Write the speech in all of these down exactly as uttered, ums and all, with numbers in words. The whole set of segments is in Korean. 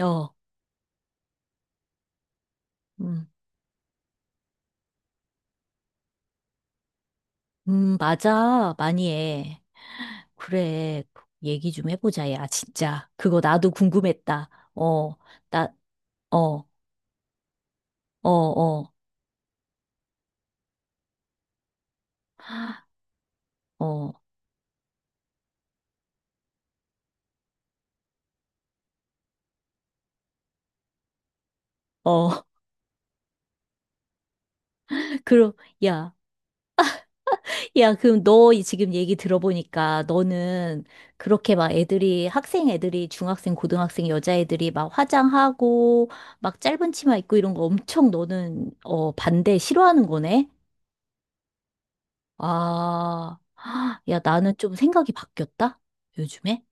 어, 음, 음, 맞아. 많이 해. 그래. 그 얘기 좀 해보자, 야, 진짜. 그거 나도 궁금했다. 어, 나, 어, 어, 어, 어, 어. 그럼, 야, 야, 그럼 너 이- 지금 얘기 들어보니까 너는 그렇게 막 애들이, 학생 애들이, 중학생, 고등학생 여자애들이 막 화장하고, 막 짧은 치마 입고 이런 거 엄청 너는, 어, 반대, 싫어하는 거네? 아, 야, 나는 좀 생각이 바뀌었다? 요즘에?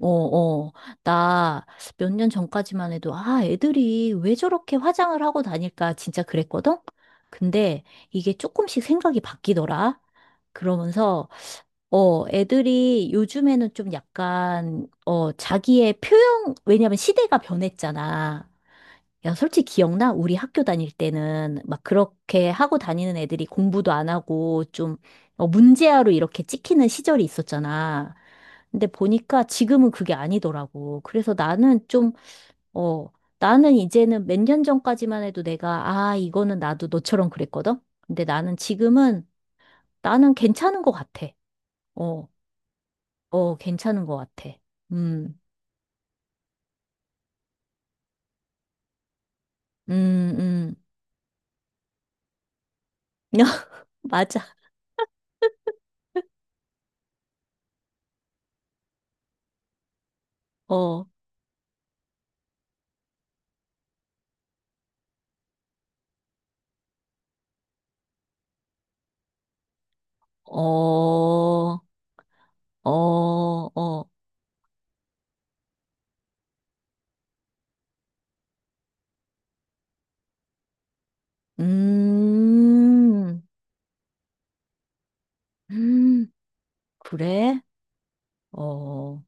어, 어. 나 몇 년 전까지만 해도, 아, 애들이 왜 저렇게 화장을 하고 다닐까 진짜 그랬거든? 근데 이게 조금씩 생각이 바뀌더라. 그러면서, 어, 애들이 요즘에는 좀 약간, 어, 자기의 표현, 왜냐면 시대가 변했잖아. 야, 솔직히 기억나? 우리 학교 다닐 때는 막 그렇게 하고 다니는 애들이 공부도 안 하고 좀 어, 문제아로 이렇게 찍히는 시절이 있었잖아. 근데 보니까 지금은 그게 아니더라고. 그래서 나는 좀, 어, 나는 이제는 몇 년 전까지만 해도 내가, 아, 이거는 나도 너처럼 그랬거든? 근데 나는 지금은, 나는 괜찮은 것 같아. 어, 어, 괜찮은 것 같아. 음, 음, 음. 맞아. 어, 어. 어, 어, 음, 음, 그래? 어,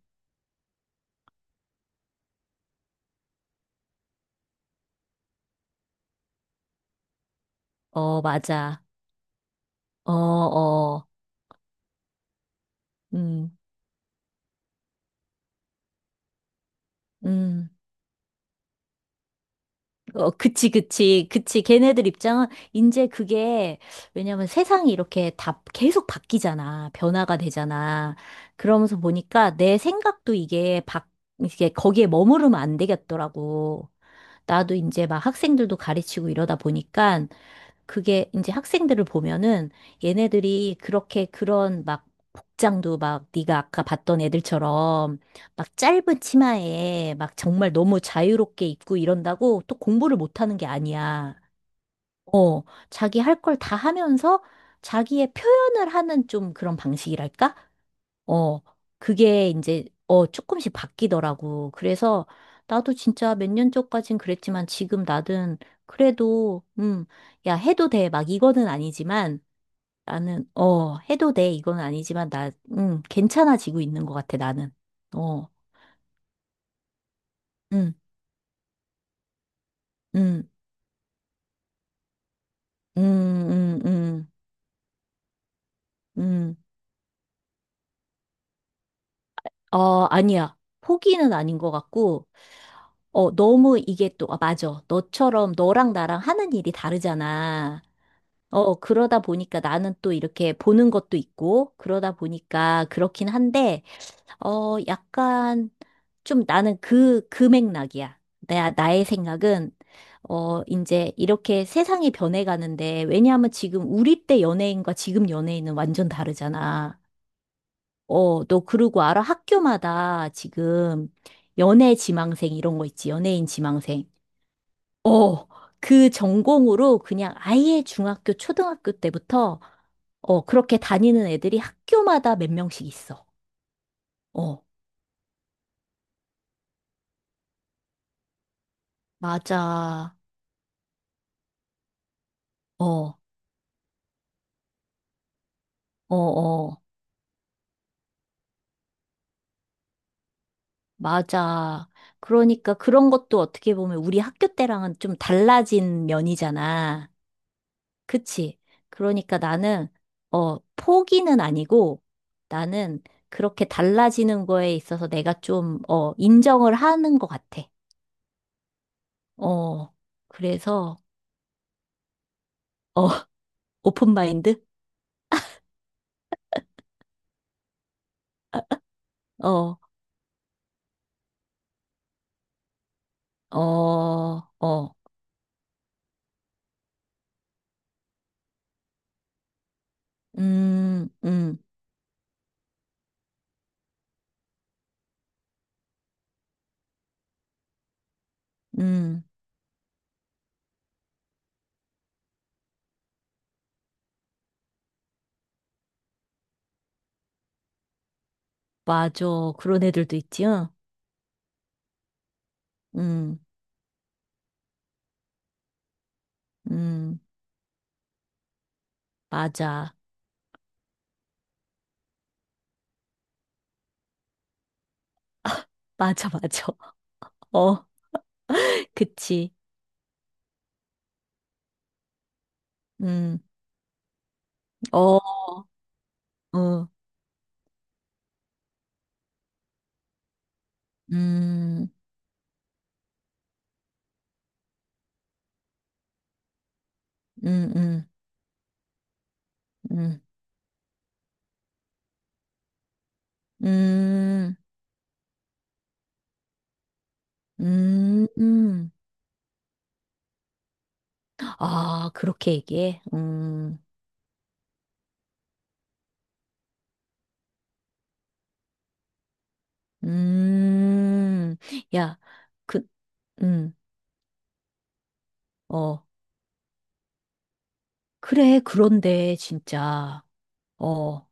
어, 맞아. 어, 어, 음, 음. 어, 그치, 그치, 그치. 걔네들 입장은 이제 그게, 왜냐면 세상이 이렇게 다 계속 바뀌잖아. 변화가 되잖아. 그러면서 보니까 내 생각도 이게 바, 이게 거기에 머무르면 안 되겠더라고. 나도 이제 막 학생들도 가르치고 이러다 보니까 그게 이제 학생들을 보면은 얘네들이 그렇게 그런 막 복장도 막 네가 아까 봤던 애들처럼 막 짧은 치마에 막 정말 너무 자유롭게 입고 이런다고 또 공부를 못하는 게 아니야. 어, 자기 할 걸 다 하면서 자기의 표현을 하는 좀 그런 방식이랄까? 어, 그게 이제, 어, 조금씩 바뀌더라고. 그래서 나도 진짜 몇 년 전까진 그랬지만 지금 나는 그래도, 음, 야, 해도 돼. 막 이거는 아니지만 나는, 어, 해도 돼. 이건 아니지만 나, 음, 괜찮아지고 있는 것 같아, 나는. 어, 음, 음, 음, 음, 음, 음. 어, 아니야. 포기는 아닌 것 같고, 어, 너무 이게 또, 아, 맞아. 너처럼 너랑 나랑 하는 일이 다르잖아. 어, 그러다 보니까 나는 또 이렇게 보는 것도 있고, 그러다 보니까 그렇긴 한데, 어, 약간 좀 나는 그, 그 맥락이야. 나, 나의 생각은, 어, 이제 이렇게 세상이 변해가는데, 왜냐하면 지금 우리 때 연예인과 지금 연예인은 완전 다르잖아. 어, 너 그러고 알아? 학교마다 지금 연애 지망생 이런 거 있지. 연예인 지망생. 어, 그 전공으로 그냥 아예 중학교, 초등학교 때부터 어, 그렇게 다니는 애들이 학교마다 몇 명씩 있어. 어, 맞아. 어, 어, 어, 맞아. 그러니까 그런 것도 어떻게 보면 우리 학교 때랑은 좀 달라진 면이잖아. 그치? 그러니까 나는, 어, 포기는 아니고 나는 그렇게 달라지는 거에 있어서 내가 좀, 어, 인정을 하는 것 같아. 어, 그래서, 어, 오픈 마인드? 어, 어, 어. 음, 음, 음. 맞아. 그런 애들도 있지, 요 음, 음. 맞아. 맞아, 맞아. 어, 그치. 음, 어, 어. 음, 음, 음, 음, 음, 음. 음. 아, 그렇게 얘기해? 음, 음. 야, 그, 음, 어. 그래, 그런데, 진짜. 어,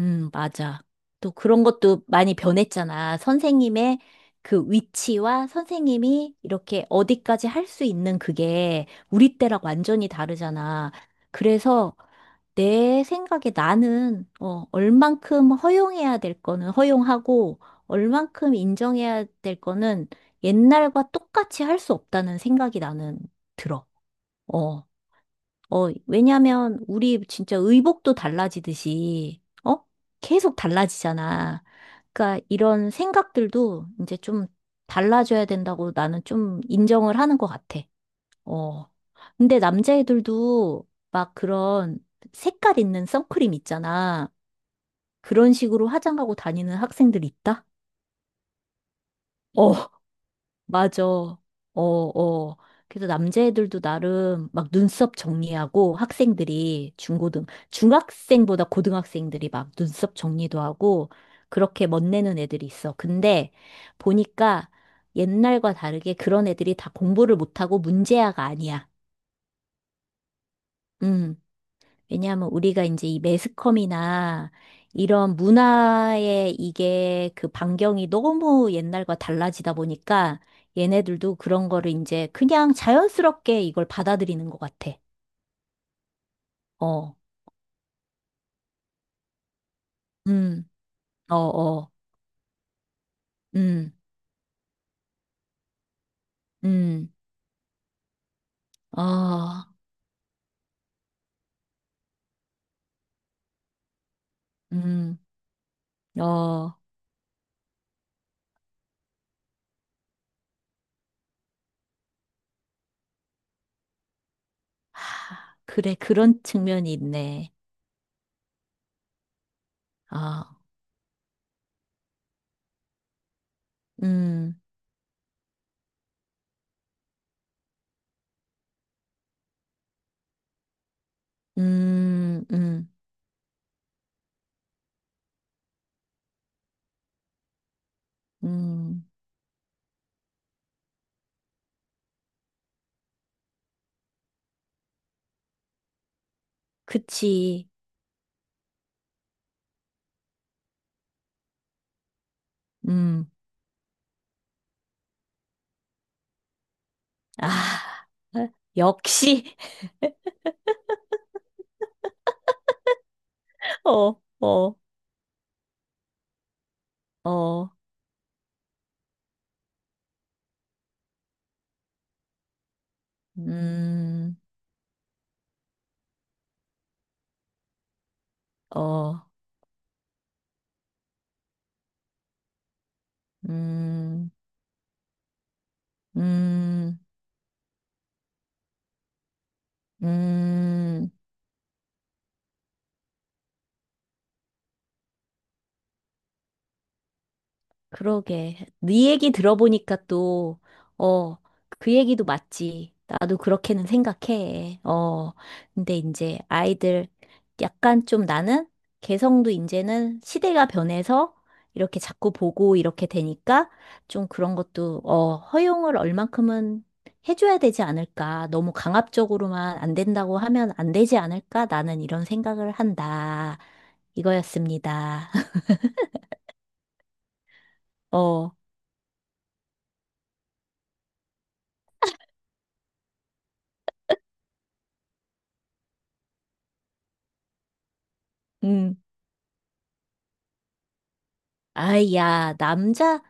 음, 맞아. 또 그런 것도 많이 변했잖아. 선생님의 그 위치와 선생님이 이렇게 어디까지 할 수 있는 그게 우리 때랑 완전히 다르잖아. 그래서 내 생각에 나는, 어, 얼만큼 허용해야 될 거는 허용하고, 얼만큼 인정해야 될 거는 옛날과 똑같이 할 수 없다는 생각이 나는 들어. 어. 어, 왜냐면 우리 진짜 의복도 달라지듯이, 어? 계속 달라지잖아. 그러니까 이런 생각들도 이제 좀 달라져야 된다고 나는 좀 인정을 하는 것 같아. 어. 근데 남자애들도 막 그런 색깔 있는 선크림 있잖아. 그런 식으로 화장하고 다니는 학생들 있다? 어, 맞아. 어, 어. 그래서 남자애들도 나름 막 눈썹 정리하고 학생들이 중고등, 중학생보다 고등학생들이 막 눈썹 정리도 하고 그렇게 멋내는 애들이 있어. 근데 보니까 옛날과 다르게 그런 애들이 다 공부를 못하고 문제아가 아니야. 음. 왜냐하면 우리가 이제 이 매스컴이나 이런 문화의 이게 그 반경이 너무 옛날과 달라지다 보니까 얘네들도 그런 거를 이제 그냥 자연스럽게 이걸 받아들이는 것 같아. 어, 음, 어, 어, 음, 음, 어, 음, 어. 하, 그래, 그런 측면이 있네. 아, 음, 음, 음, 음, 그치. 음. 아, 역시, 어, 어, 어, 음, 어, 음, 음, 음, 그러게. 네 얘기 들어보니까 또, 어, 그 얘기도 맞지. 나도 그렇게는 생각해. 어, 근데 이제 아이들 약간 좀 나는 개성도 이제는 시대가 변해서 이렇게 자꾸 보고 이렇게 되니까 좀 그런 것도, 어, 허용을 얼만큼은 해줘야 되지 않을까. 너무 강압적으로만 안 된다고 하면 안 되지 않을까. 나는 이런 생각을 한다. 이거였습니다. 어, 음. 아이, 야, 남자,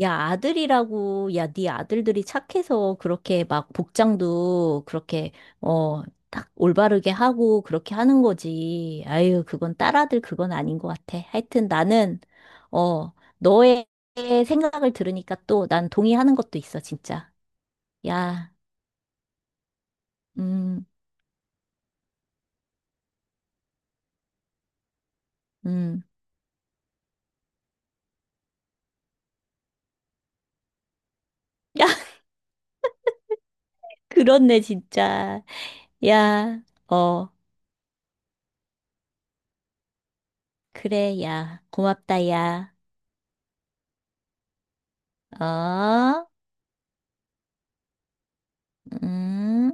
야, 아들이라고, 야, 네 아들들이 착해서 그렇게 막 복장도 그렇게, 어, 딱 올바르게 하고 그렇게 하는 거지. 아유, 그건 딸아들 그건 아닌 것 같아. 하여튼 나는, 어, 너의 생각을 들으니까 또 난 동의하는 것도 있어, 진짜. 야, 음, 음. 야, 그렇네, 진짜. 야, 어, 그래, 야. 고맙다, 야. 어? 음.